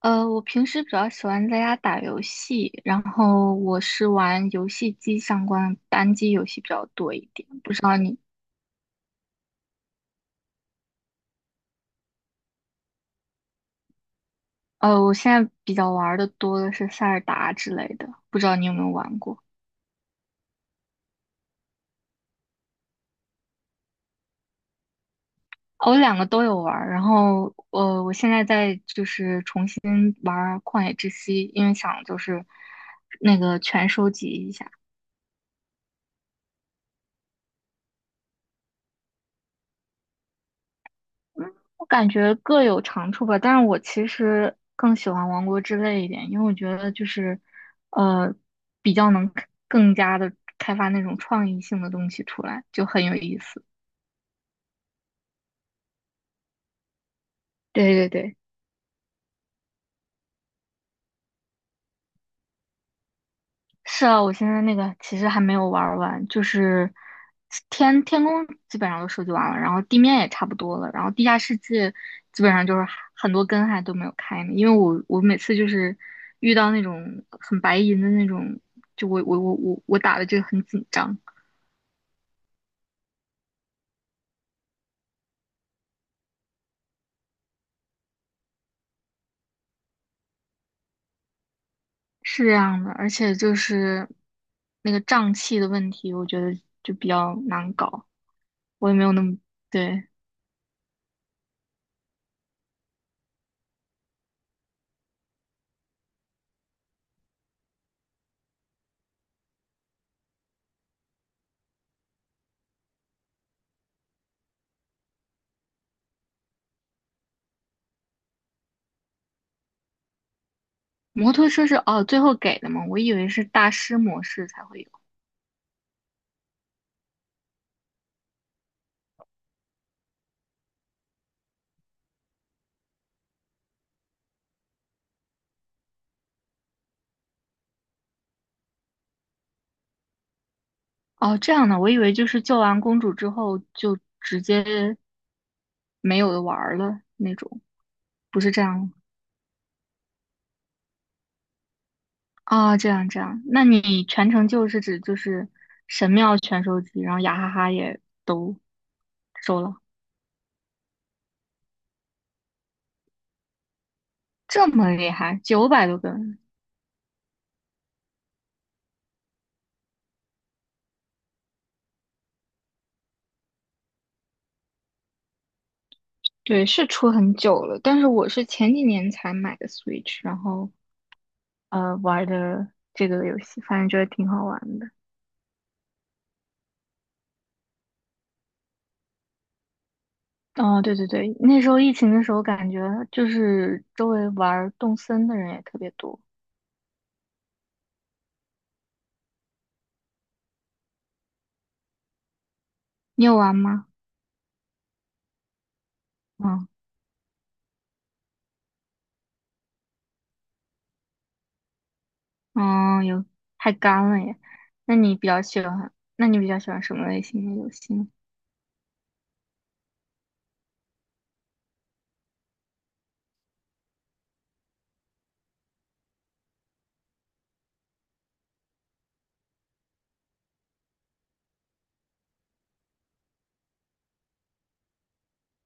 我平时比较喜欢在家打游戏，然后我是玩游戏机相关的单机游戏比较多一点。不知道你，我现在比较玩的多的是塞尔达之类的，不知道你有没有玩过？哦，我两个都有玩儿，然后我现在就是重新玩儿旷野之息，因为想就是那个全收集一下。我感觉各有长处吧，但是我其实更喜欢王国之泪一点，因为我觉得就是，呃，比较能更加的开发那种创意性的东西出来，就很有意思。对对对。是啊，我现在那个其实还没有玩儿完，就是天天宫基本上都收集完了，然后地面也差不多了，然后地下世界基本上就是很多根还都没有开呢，因为我每次就是遇到那种很白银的那种，就我打的就很紧张。是这样的，而且就是那个胀气的问题，我觉得就比较难搞，我也没有那么。对。摩托车是哦，最后给的嘛，我以为是大师模式才会。有。哦，这样的，我以为就是救完公主之后就直接没有的玩儿了那种。不是这样啊，哦这样这样，那你全程救是指就是神庙全收集，然后雅哈哈也都收了。这么厉害，900多根。对，是出很久了，但是我是前几年才买的 Switch,然后玩的这个游戏，反正觉得挺好玩的。哦，对对对，那时候疫情的时候，感觉就是周围玩儿动森的人也特别多。你有玩吗？嗯嗯，有，太干了耶。那你比较喜欢，那你比较喜欢什么类型的游戏呢？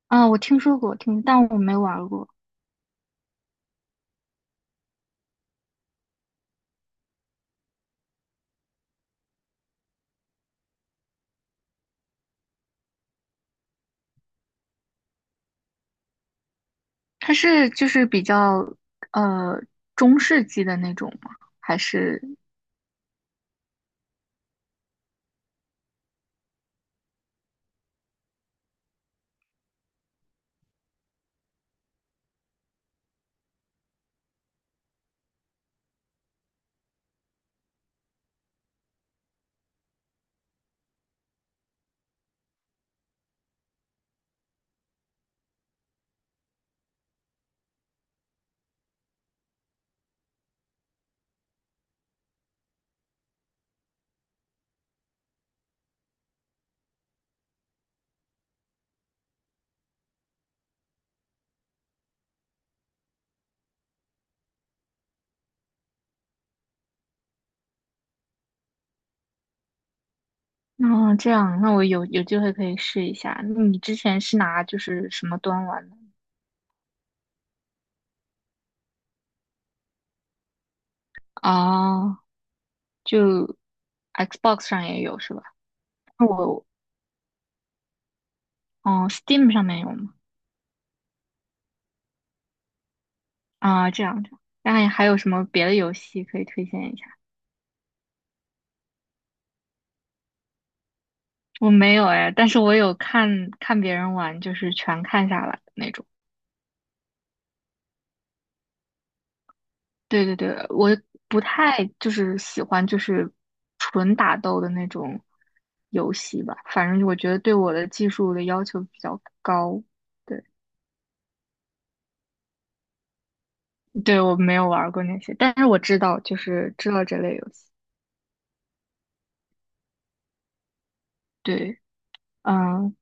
啊、我听说过，听，但我没玩过。它是就是比较呃中世纪的那种吗？还是。哦，这样？那我有有机会可以试一下。那你之前是拿就是什么端玩的？哦，就 Xbox 上也有是吧？那我，嗯，Steam 上面有吗？啊，这样这样。那还有什么别的游戏可以推荐一下？我没有哎，但是我有看看别人玩，就是全看下来的那种。对对对，我不太就是喜欢就是纯打斗的那种游戏吧，反正我觉得对我的技术的要求比较高。对对，我没有玩过那些，但是我知道就是知道这类游戏。对。嗯。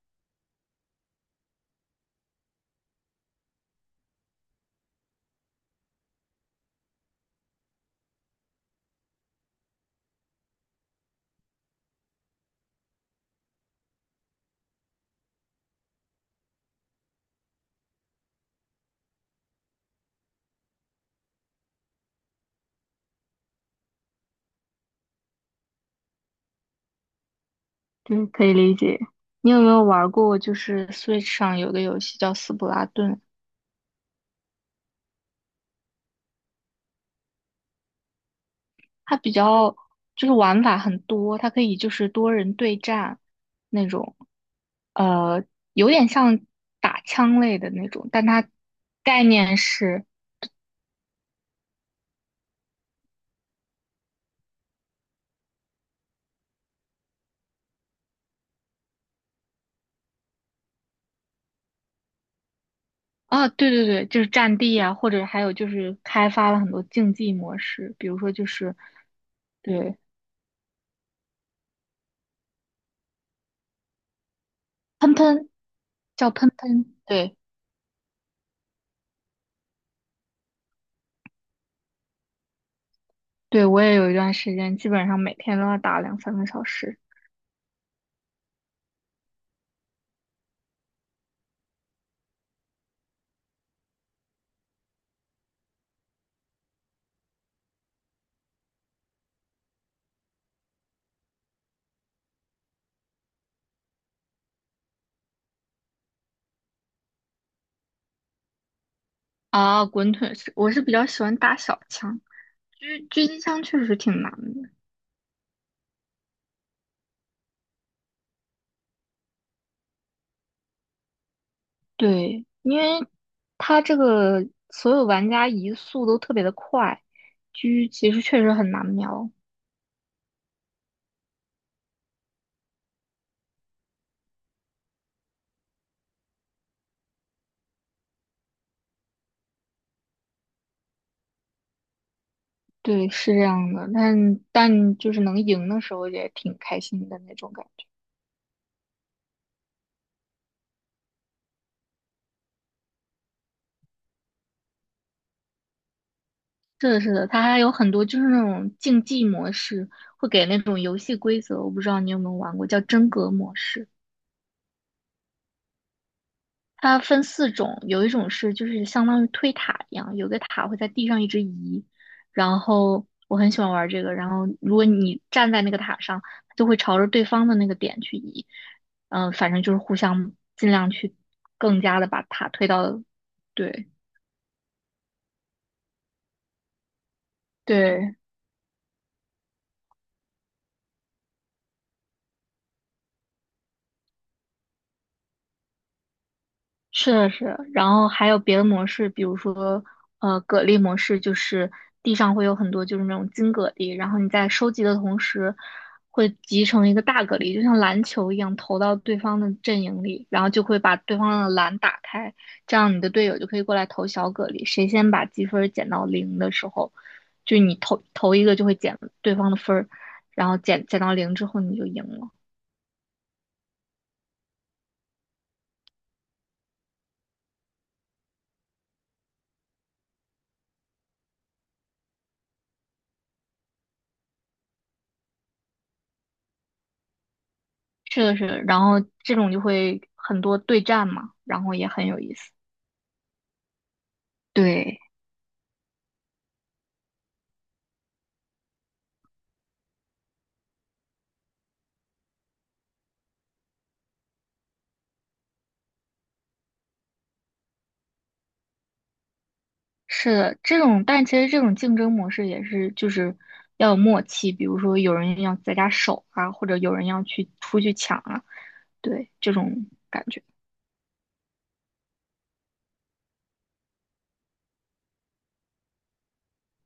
对，可以理解。你有没有玩过，就是 Switch 上有个游戏叫《斯普拉顿》，它比较就是玩法很多，它可以就是多人对战那种，呃，有点像打枪类的那种，但它概念是。啊，对对对，就是战地啊，或者还有就是开发了很多竞技模式，比如说就是。对。喷喷。叫喷喷，对。对，我也有一段时间基本上每天都要打2, 3个小时。啊，滚腿是，我是比较喜欢打小枪，狙击枪确实挺难的。对，因为它这个所有玩家移速都特别的快，狙其实确实很难瞄。对，是这样的，但但就是能赢的时候也挺开心的那种感觉。是的，是的，它还有很多就是那种竞技模式，会给那种游戏规则，我不知道你有没有玩过，叫真格模式。它分四种，有一种是就是相当于推塔一样，有个塔会在地上一直移，然后我很喜欢玩这个，然后如果你站在那个塔上，它就会朝着对方的那个点去移，嗯、反正就是互相尽量去更加的把塔推到。对。对，是的，是的，然后还有别的模式，比如说，蛤蜊模式，就是地上会有很多就是那种金蛤蜊，然后你在收集的同时，会集成一个大蛤蜊，就像篮球一样投到对方的阵营里，然后就会把对方的篮打开，这样你的队友就可以过来投小蛤蜊，谁先把积分儿减到零的时候，就你投投一个就会减对方的分儿，然后减到零之后你就赢了。是的，是的，然后这种就会很多对战嘛，然后也很有意思。对，是的，这种，但其实这种竞争模式也是，就是要有默契，比如说有人要在家守啊，或者有人要去出去抢啊，对，这种感觉。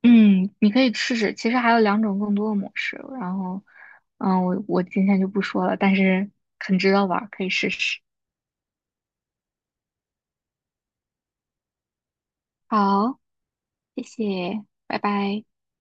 嗯，你可以试试。其实还有两种更多的模式，然后，嗯，我今天就不说了，但是很值得玩儿可以试试。好，谢谢，拜拜。